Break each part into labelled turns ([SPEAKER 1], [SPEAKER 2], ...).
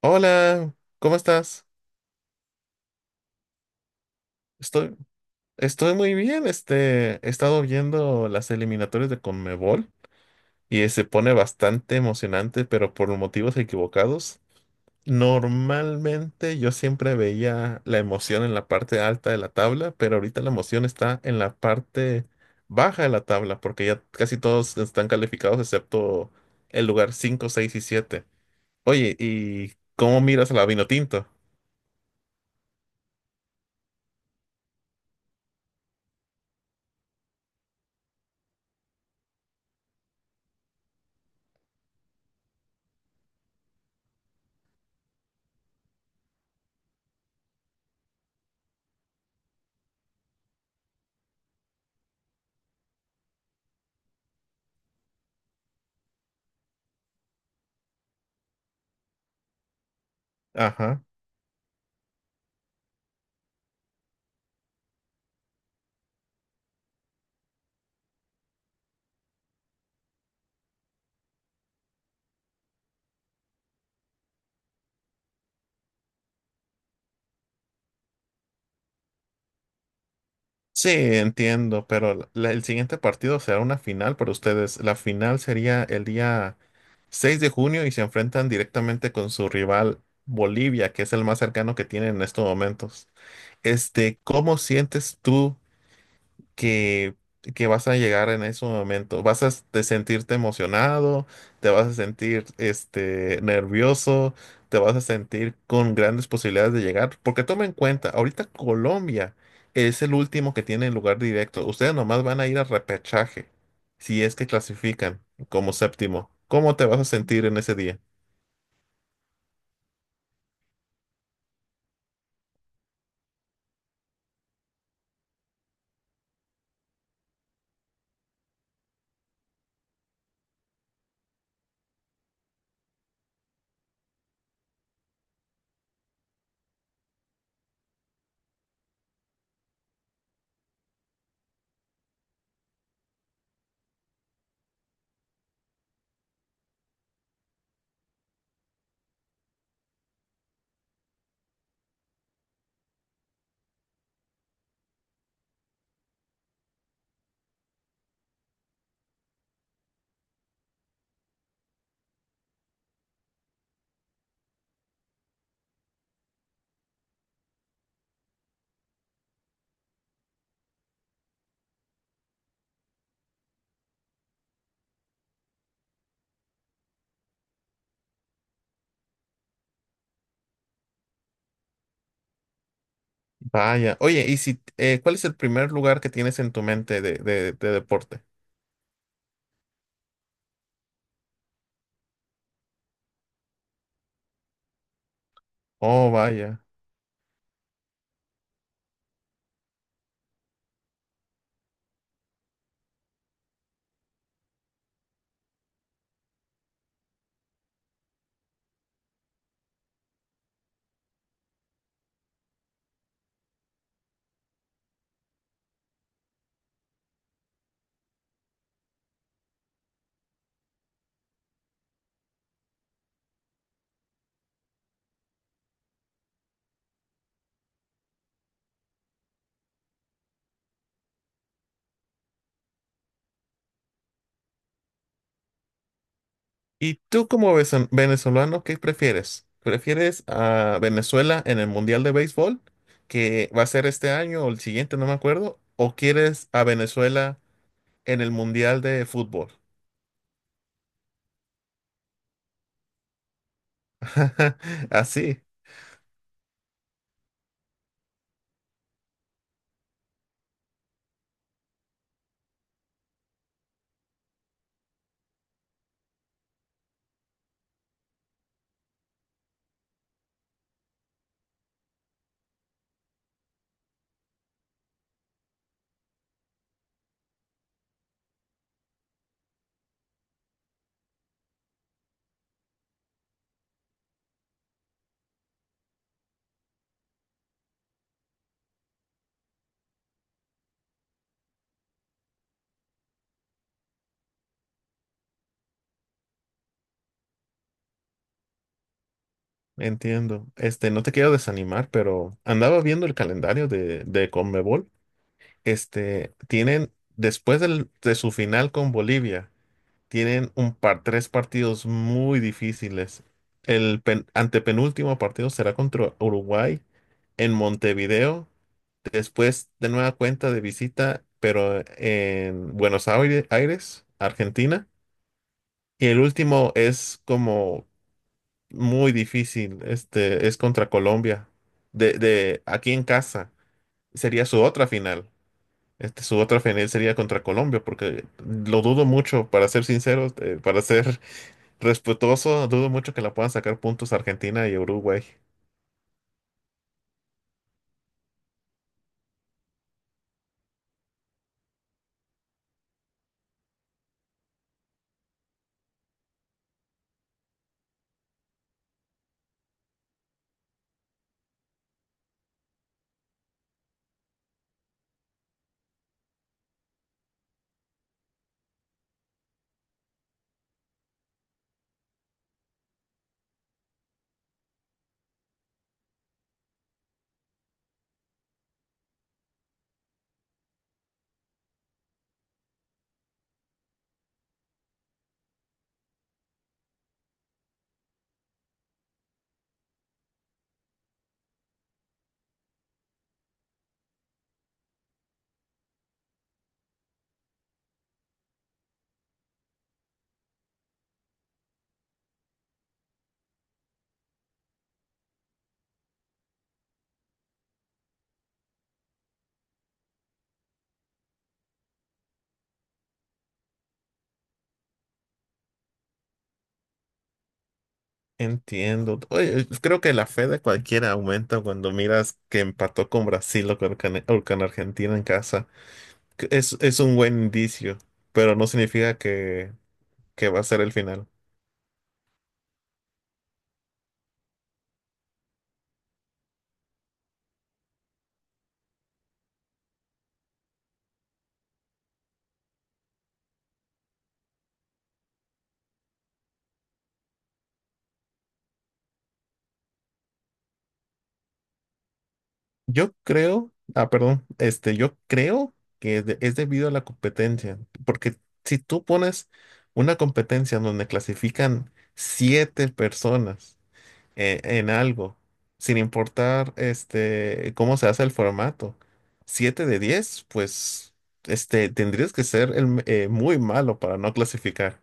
[SPEAKER 1] Hola, ¿cómo estás? Estoy, estoy muy bien. He estado viendo las eliminatorias de CONMEBOL y se pone bastante emocionante, pero por motivos equivocados. Normalmente yo siempre veía la emoción en la parte alta de la tabla, pero ahorita la emoción está en la parte baja de la tabla, porque ya casi todos están calificados excepto el lugar 5, 6 y 7. Oye, ¿y cómo miras a la Vinotinto? Ajá. Sí, entiendo, pero el siguiente partido será una final para ustedes. La final sería el día 6 de junio y se enfrentan directamente con su rival Bolivia, que es el más cercano que tienen en estos momentos. ¿Cómo sientes tú que, que vas a llegar en ese momento? Te sentirte emocionado, te vas a sentir nervioso, te vas a sentir con grandes posibilidades de llegar. Porque toma en cuenta, ahorita Colombia es el último que tiene lugar directo. Ustedes nomás van a ir a repechaje, si es que clasifican como séptimo. ¿Cómo te vas a sentir en ese día? Vaya, oye, y si, ¿cuál es el primer lugar que tienes en tu mente de, de deporte? Oh, vaya. ¿Y tú como venezolano, qué prefieres? ¿Prefieres a Venezuela en el Mundial de Béisbol, que va a ser este año o el siguiente, no me acuerdo? ¿O quieres a Venezuela en el Mundial de Fútbol? Así, entiendo. No te quiero desanimar, pero andaba viendo el calendario de Conmebol. Tienen después de su final con Bolivia. Tienen un par, tres partidos muy difíciles. Antepenúltimo partido será contra Uruguay en Montevideo. Después, de nueva cuenta de visita, pero en Aires, Argentina. Y el último es como muy difícil. Este es contra Colombia. De aquí en casa. Sería su otra final. Su otra final sería contra Colombia, porque lo dudo mucho, para ser sinceros, para ser respetuoso, dudo mucho que la puedan sacar puntos Argentina y Uruguay. Entiendo. Oye, creo que la fe de cualquiera aumenta cuando miras que empató con Brasil o con, o con Argentina en casa. Que es un buen indicio, pero no significa que va a ser el final. Yo creo, ah, perdón, yo creo que es, es debido a la competencia, porque si tú pones una competencia en donde clasifican siete personas, en algo, sin importar este cómo se hace el formato. Siete de 10 pues este tendrías que ser muy malo para no clasificar.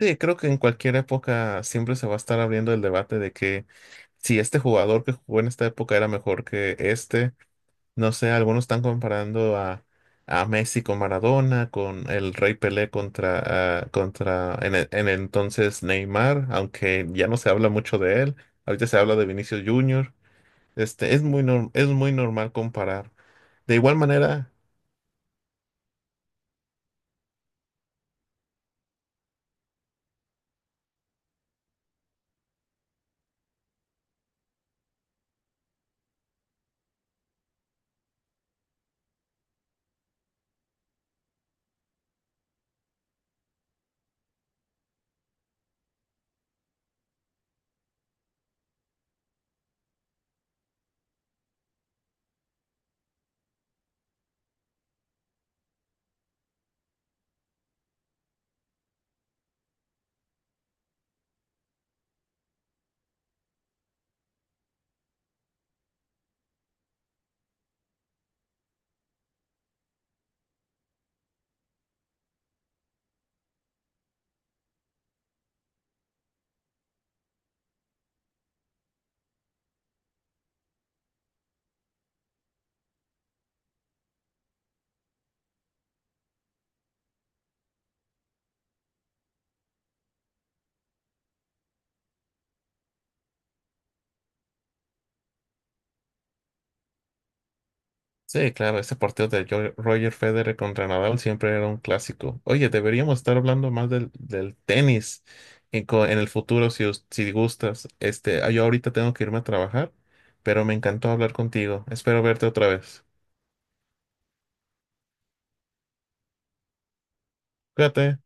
[SPEAKER 1] Sí, creo que en cualquier época siempre se va a estar abriendo el debate de que si este jugador que jugó en esta época era mejor que este. No sé, algunos están comparando a Messi con Maradona, con el Rey Pelé contra, ah, contra en, en el entonces Neymar, aunque ya no se habla mucho de él. Ahorita se habla de Vinicius Junior. Es muy, es muy normal comparar. De igual manera. Sí, claro, ese partido de Roger Federer contra Nadal siempre era un clásico. Oye, deberíamos estar hablando más del, del tenis en, en el futuro si, si gustas. Yo ahorita tengo que irme a trabajar, pero me encantó hablar contigo. Espero verte otra vez. Cuídate.